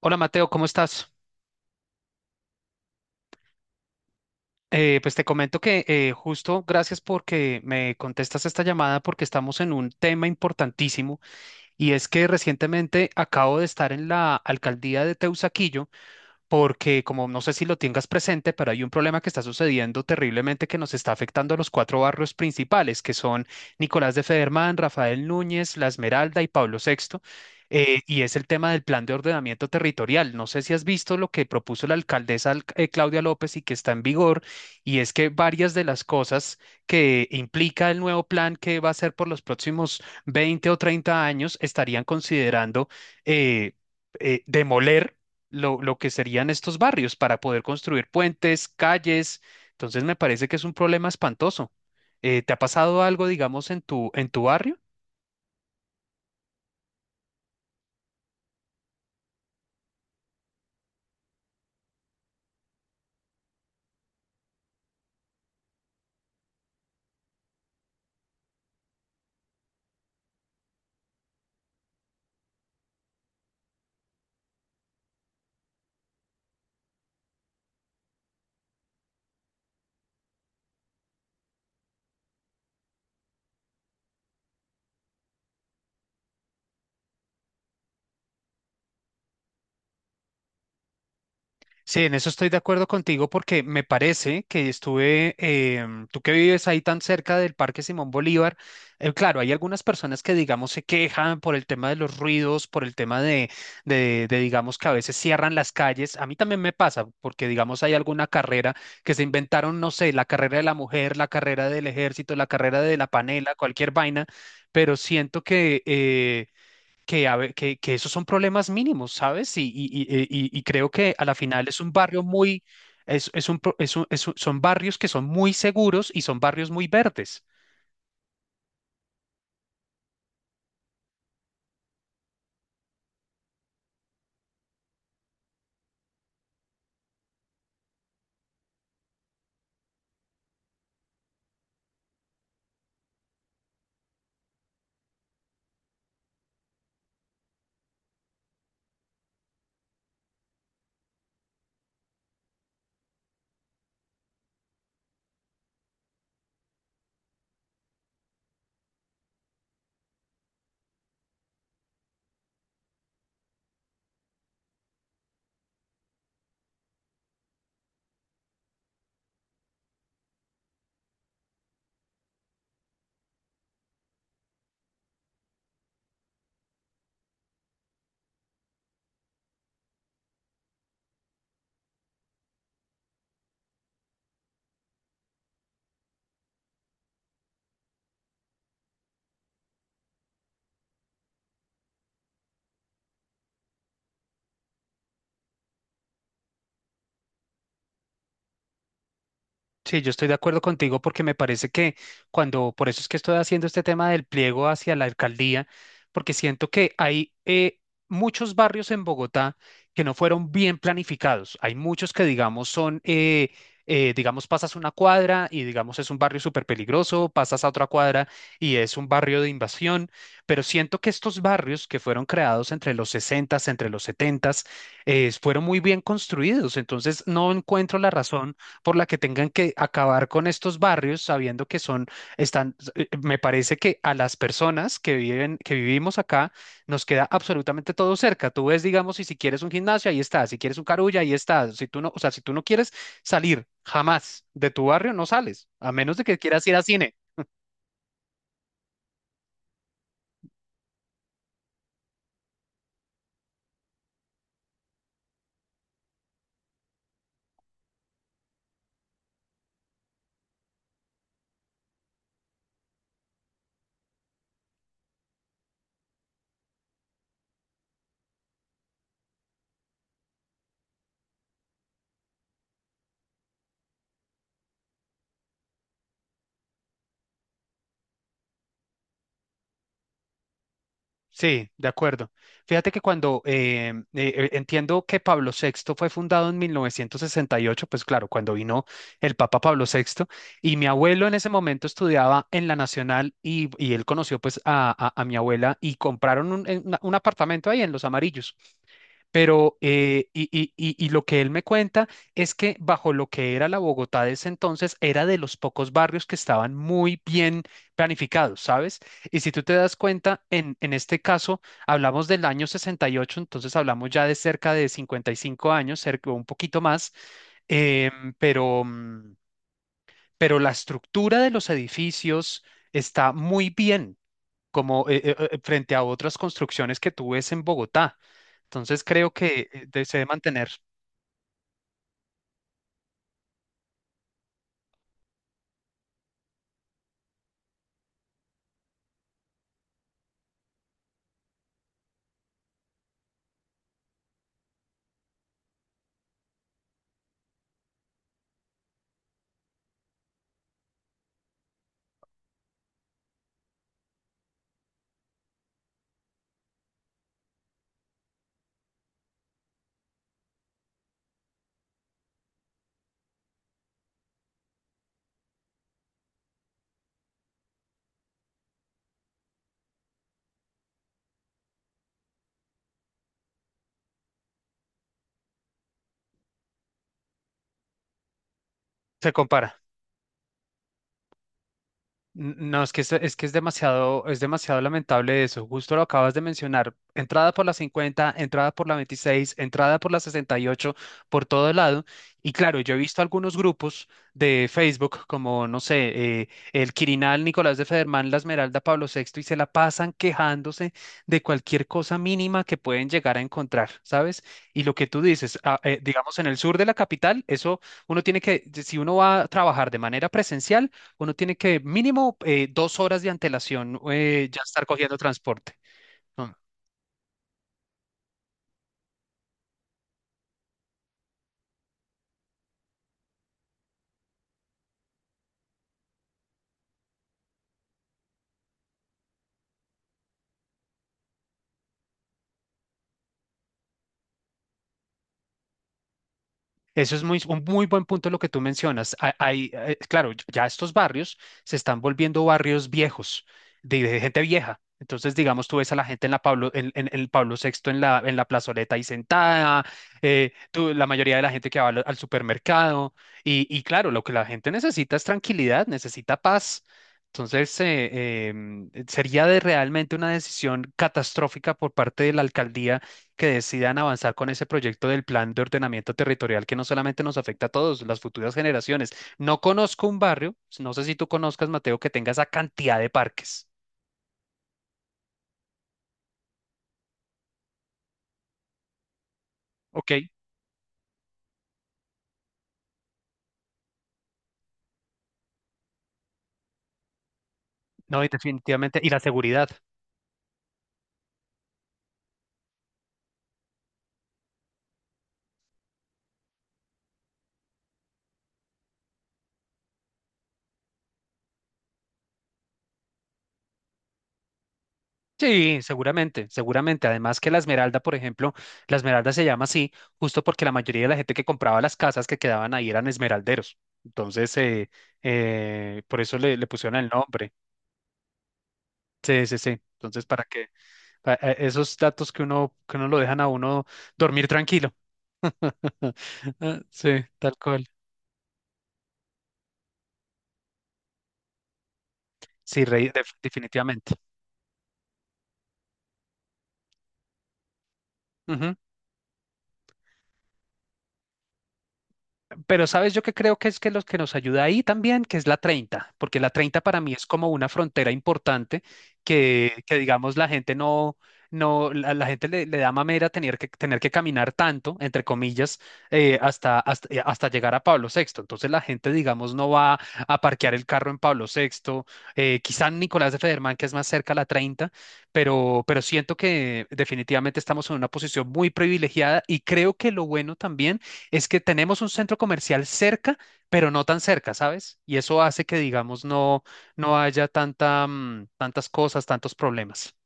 Hola Mateo, ¿cómo estás? Pues te comento que justo gracias porque me contestas esta llamada porque estamos en un tema importantísimo y es que recientemente acabo de estar en la alcaldía de Teusaquillo porque como no sé si lo tengas presente, pero hay un problema que está sucediendo terriblemente que nos está afectando a los cuatro barrios principales, que son Nicolás de Federman, Rafael Núñez, La Esmeralda y Pablo Sexto. Y es el tema del plan de ordenamiento territorial. No sé si has visto lo que propuso la alcaldesa, Claudia López, y que está en vigor, y es que varias de las cosas que implica el nuevo plan que va a ser por los próximos 20 o 30 años estarían considerando eh, demoler lo que serían estos barrios para poder construir puentes, calles. Entonces me parece que es un problema espantoso. ¿Te ha pasado algo, digamos, en tu barrio? Sí, en eso estoy de acuerdo contigo porque me parece que tú que vives ahí tan cerca del Parque Simón Bolívar, claro, hay algunas personas que digamos se quejan por el tema de los ruidos, por el tema de, digamos que a veces cierran las calles. A mí también me pasa porque digamos hay alguna carrera que se inventaron, no sé, la carrera de la mujer, la carrera del ejército, la carrera de la panela, cualquier vaina, pero siento que que esos son problemas mínimos, ¿sabes? Y creo que a la final es un barrio muy, es un, pro- es un- son barrios que son muy seguros y son barrios muy verdes. Sí, yo estoy de acuerdo contigo porque me parece que por eso es que estoy haciendo este tema del pliego hacia la alcaldía, porque siento que hay muchos barrios en Bogotá que no fueron bien planificados. Hay muchos que, digamos, digamos, pasas una cuadra y, digamos, es un barrio súper peligroso, pasas a otra cuadra y es un barrio de invasión, pero siento que estos barrios que fueron creados entre los sesenta, entre los 70 fueron muy bien construidos. Entonces, no encuentro la razón por la que tengan que acabar con estos barrios sabiendo que me parece que a las personas que viven, que vivimos acá, nos queda absolutamente todo cerca. Tú ves, digamos, y si quieres un gimnasio, ahí está, si quieres un carulla, ahí está. Si tú no, o sea, si tú no quieres salir jamás de tu barrio, no sales, a menos de que quieras ir a cine. Sí, de acuerdo. Fíjate que cuando entiendo que Pablo VI fue fundado en 1968, pues claro, cuando vino el Papa Pablo VI, y mi abuelo en ese momento estudiaba en la Nacional y él conoció pues a mi abuela y compraron un apartamento ahí en Los Amarillos. Pero, y lo que él me cuenta es que bajo lo que era la Bogotá de ese entonces, era de los pocos barrios que estaban muy bien planificados, ¿sabes? Y si tú te das cuenta, en este caso hablamos del año 68, entonces hablamos ya de cerca de 55 años, cerca, un poquito más, em, pero, mm, pero la estructura de los edificios está muy bien como frente a otras construcciones que tú ves en Bogotá. Entonces creo que se debe mantener, se compara. No, es que es demasiado lamentable eso. Justo lo acabas de mencionar. Entrada por la 50, entrada por la 26, entrada por la 68, por todo lado. Y claro, yo he visto algunos grupos de Facebook, como, no sé, el Quirinal, Nicolás de Federman, La Esmeralda, Pablo Sexto, y se la pasan quejándose de cualquier cosa mínima que pueden llegar a encontrar, ¿sabes? Y lo que tú dices, digamos, en el sur de la capital, eso uno tiene que, si uno va a trabajar de manera presencial, uno tiene que mínimo 2 horas de antelación ya estar cogiendo transporte. Mm. Eso es muy, un muy buen punto lo que tú mencionas. Hay, claro, ya estos barrios se están volviendo barrios viejos, de gente vieja. Entonces, digamos, tú ves a la gente en la Pablo, en el Pablo Sexto en la plazoleta ahí sentada, la mayoría de la gente que va al supermercado. Y claro, lo que la gente necesita es tranquilidad, necesita paz. Entonces, sería de realmente una decisión catastrófica por parte de la alcaldía que decidan avanzar con ese proyecto del plan de ordenamiento territorial que no solamente nos afecta a todos, las futuras generaciones. No conozco un barrio, no sé si tú conozcas, Mateo, que tenga esa cantidad de parques. Ok, no, y definitivamente. Y la seguridad. Sí, seguramente, seguramente. Además que la Esmeralda, por ejemplo, la Esmeralda se llama así justo porque la mayoría de la gente que compraba las casas que quedaban ahí eran esmeralderos. Entonces, por eso le pusieron el nombre. Sí, sí, sí. Entonces, para que esos datos que que uno lo dejan a uno dormir tranquilo. Ah, sí, tal cual. Sí, rey, definitivamente. Ujú. Pero sabes, yo que creo que es que los que nos ayuda ahí también, que es la 30 porque la 30 para mí es como una frontera importante que digamos, la gente no, no, la gente le da mamera tener que caminar tanto, entre comillas, hasta llegar a Pablo Sexto. Entonces la gente, digamos, no va a parquear el carro en Pablo Sexto, quizá en Nicolás de Federman, que es más cerca a la 30, pero siento que definitivamente estamos en una posición muy privilegiada y creo que lo bueno también es que tenemos un centro comercial cerca, pero no tan cerca, ¿sabes? Y eso hace que, digamos, no haya tantas cosas, tantos problemas.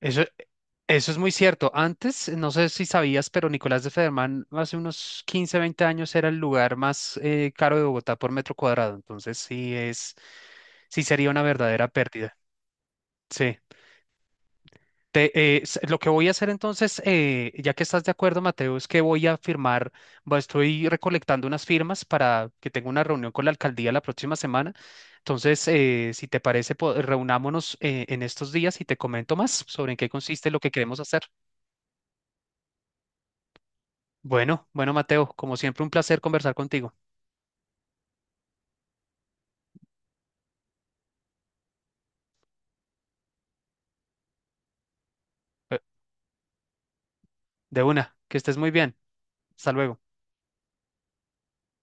Eso, eso es muy cierto. Antes, no sé si sabías, pero Nicolás de Federman hace unos 15 o 20 años era el lugar más caro de Bogotá por metro cuadrado. Entonces, sí sería una verdadera pérdida. Sí. Te- lo que voy a hacer entonces, ya que estás de acuerdo, Mateo, es que voy a estoy recolectando unas firmas para que tenga una reunión con la alcaldía la próxima semana. Entonces, si te parece, reunámonos en estos días y te comento más sobre en qué consiste lo que queremos hacer. Bueno, bueno, Mateo, como siempre, un placer conversar contigo. Eh, De una, que estés muy bien. Hasta luego.